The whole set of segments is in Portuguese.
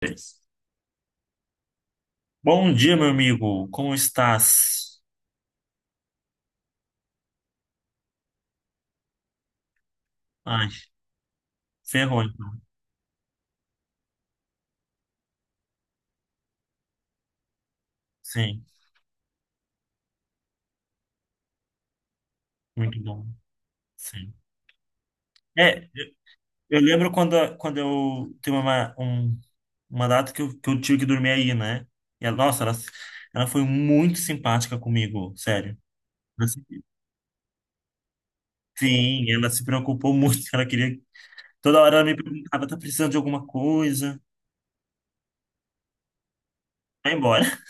Três. Bom dia, meu amigo. Como estás? Ai, ferrou então. Sim, muito bom. Sim. É, eu lembro quando eu tem uma, um- uma data que eu tive que dormir aí, né? E ela, nossa, ela foi muito simpática comigo, sério. Ela se- Sim, ela se preocupou muito. Ela queria. Toda hora ela me perguntava, tá precisando de alguma coisa? Vai embora.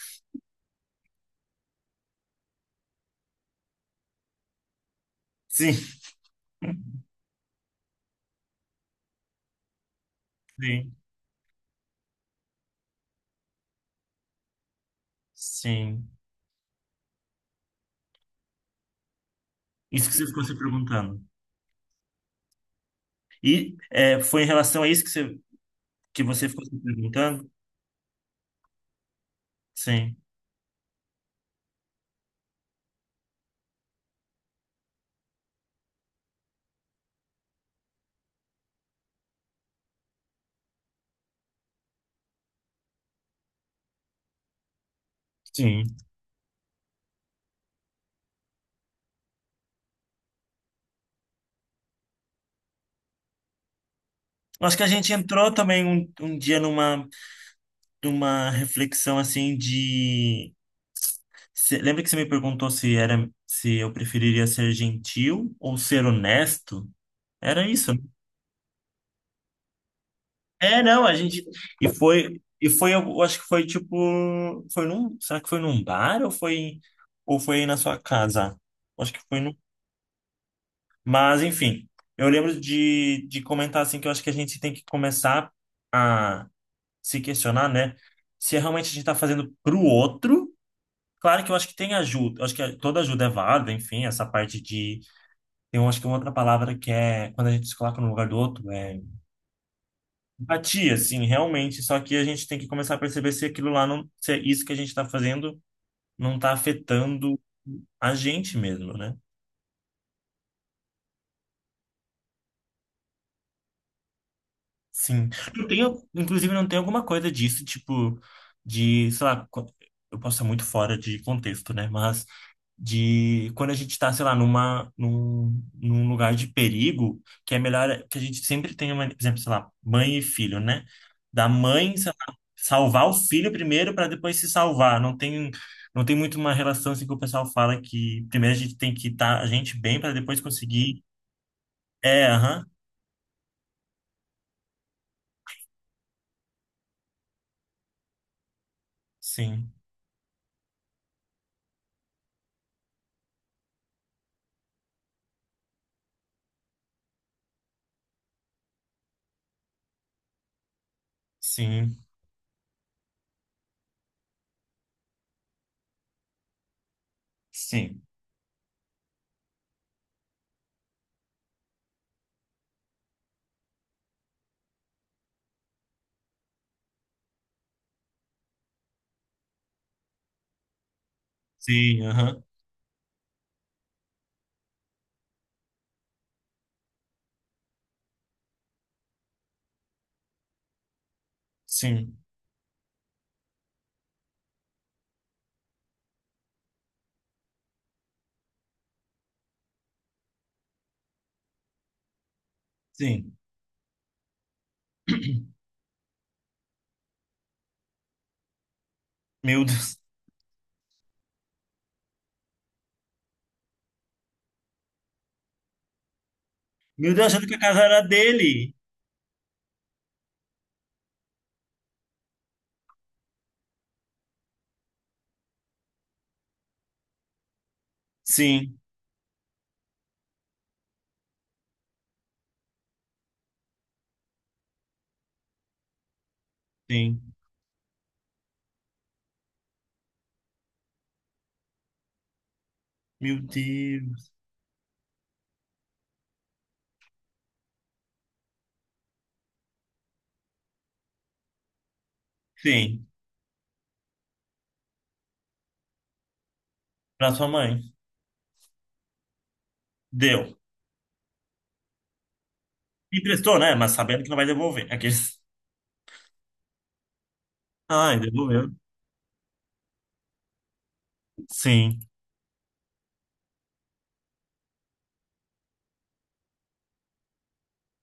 Sim, sim, sim. Isso que você ficou se perguntando. E é, foi em relação a isso que você ficou se perguntando? Sim, sim. Eu acho que a gente entrou também um dia numa, numa reflexão assim de. Lembra que você me perguntou se era se eu preferiria ser gentil ou ser honesto? Era isso, né? É, não, a gente. E foi, eu acho que foi tipo. Foi num, será que foi num bar ou foi na sua casa? Acho que foi num. Mas, enfim, eu lembro de comentar assim que eu acho que a gente tem que começar a se questionar, né? Se é realmente a gente está fazendo para o outro. Claro que eu acho que tem ajuda, eu acho que é, toda ajuda é válida, enfim, essa parte de. Tem, eu acho que uma outra palavra que é quando a gente se coloca no lugar do outro, é empatia, assim, realmente. Só que a gente tem que começar a perceber se aquilo lá não, se é isso que a gente está fazendo não está afetando a gente mesmo, né? Sim. Inclusive, não tem alguma coisa disso, tipo, de, sei lá, eu posso estar muito fora de contexto, né? Mas de quando a gente tá, sei lá, num lugar de perigo, que é melhor que a gente sempre tenha, uma, por exemplo, sei lá, mãe e filho, né? Da mãe, sei lá, salvar o filho primeiro para depois se salvar. Não tem, não tem muito uma relação assim que o pessoal fala que primeiro a gente tem que estar a gente bem para depois conseguir. É, aham. Sim, sim, sim. Sim, aham. Sim, sim. Meu Deus. Meu Deus, achando que a casa era dele. Sim, sim. Meu Deus. Sim, pra sua mãe. Deu. Emprestou, né? Mas sabendo que não vai devolver. Aqueles. Ai, devolveu. Sim,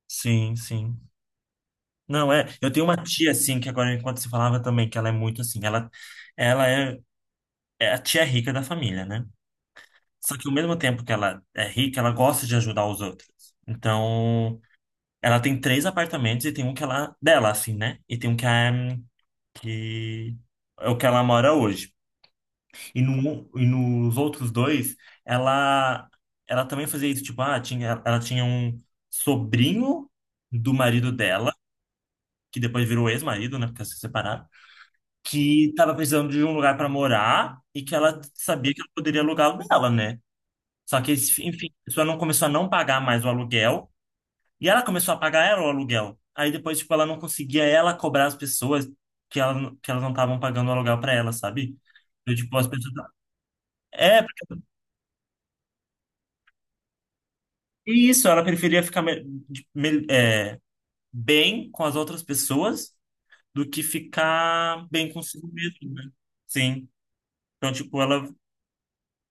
sim, sim. Não, é. Eu tenho uma tia, assim, que agora, enquanto você falava também, que ela é muito assim. Ela é, é a tia é rica da família, né? Só que ao mesmo tempo que ela é rica, ela gosta de ajudar os outros. Então. Ela tem três apartamentos e tem um que ela, dela, assim, né? E tem um que é o que ela mora hoje. E, no, E nos outros dois, ela, ela também fazia isso, tipo, ah, tinha, ela tinha um sobrinho do marido dela, que depois virou ex-marido, né? Porque elas se separaram, que tava precisando de um lugar para morar e que ela sabia que ela poderia alugar o dela, né? Só que, enfim, a pessoa não começou a não pagar mais o aluguel. E ela começou a pagar ela o aluguel. Aí depois, tipo, ela não conseguia ela cobrar as pessoas que, ela, que elas não estavam pagando o aluguel para ela, sabe? Eu, tipo, as pessoas. É, porque e isso, ela preferia ficar bem com as outras pessoas do que ficar bem consigo mesmo, né? Sim. Então, tipo, ela.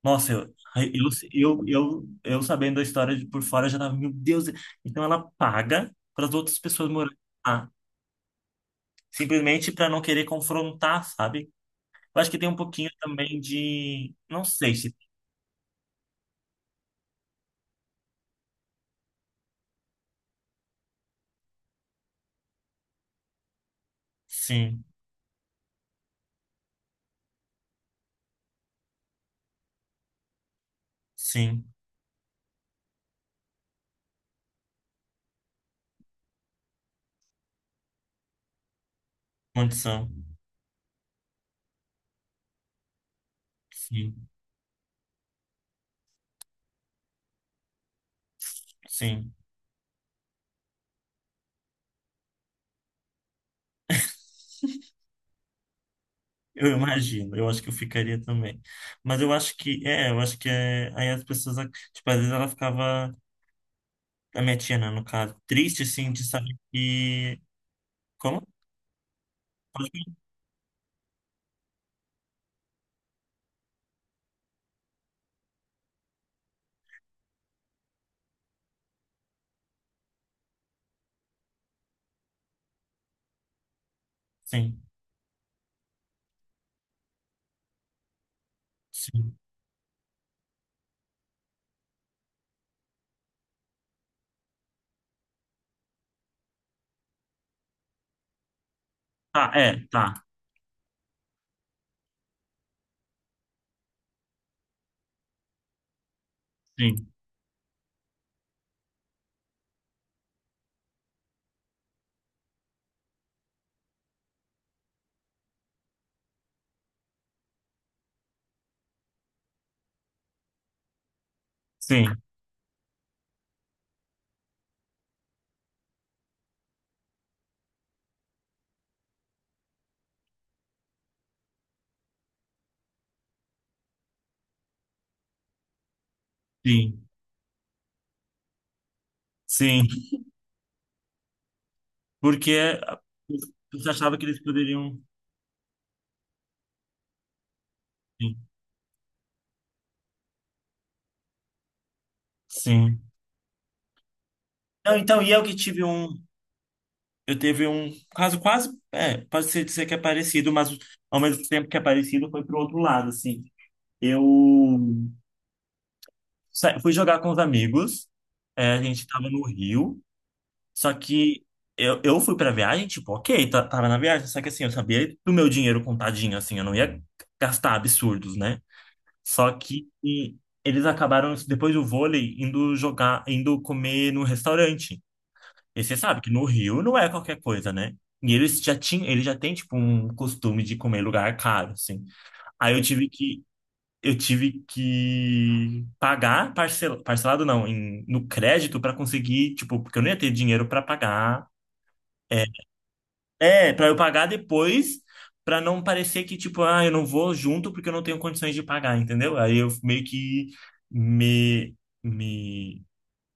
Nossa, eu sabendo a história de por fora, eu já tava, meu Deus. Então ela paga para as outras pessoas morarem lá, simplesmente para não querer confrontar, sabe? Eu acho que tem um pouquinho também de. Não sei se. Sim, sim. Condição. Sim, sim. Eu imagino. Eu acho que eu ficaria também. Mas eu acho que. É, eu acho que é. Aí as pessoas. Tipo, às vezes ela ficava. A minha tia, né, no caso. Triste, assim, de saber que. Como? Pode me- Sim, sim. Tá, é, tá. Sim, sim, sim, sim. Porque a- você achava que eles poderiam. Sim, sim. Não, então, e eu que tive um. Eu teve um caso quase, é, pode ser dizer que é parecido, mas ao mesmo tempo que é parecido foi pro outro lado, assim. Eu fui jogar com os amigos, é, a gente tava no Rio, só que eu fui pra viagem, tipo, ok, tava na viagem, só que assim, eu sabia do meu dinheiro contadinho, assim, eu não ia gastar absurdos, né? Só que e, eles acabaram, depois do vôlei, indo jogar, indo comer no restaurante. E você sabe que no Rio não é qualquer coisa, né? E eles já tinham, ele já tem tipo um costume de comer em lugar caro, assim. Aí eu tive que Eu tive que pagar parcelado não, em, no crédito para conseguir, tipo, porque eu não ia ter dinheiro para pagar. É, é para eu pagar depois, para não parecer que tipo, ah, eu não vou junto porque eu não tenho condições de pagar, entendeu? Aí eu meio que me me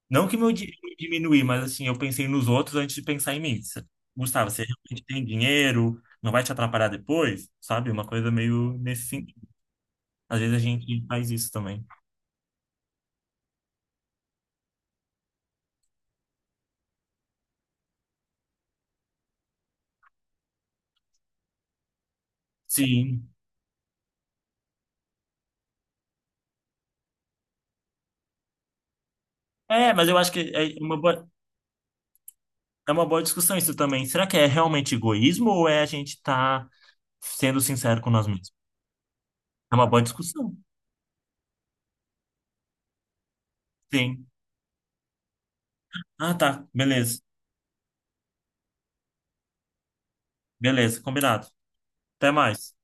não que meu dinheiro diminuir, mas assim, eu pensei nos outros antes de pensar em mim. Cê- Gustavo, você realmente tem dinheiro? Não vai te atrapalhar depois? Sabe? Uma coisa meio nesse sentido. Às vezes a gente faz isso também. Sim. É, mas eu acho que é uma boa discussão isso também. Será que é realmente egoísmo ou é a gente tá sendo sincero com nós mesmos? É uma boa discussão. Sim. Ah, tá. Beleza. Beleza, combinado. Até mais.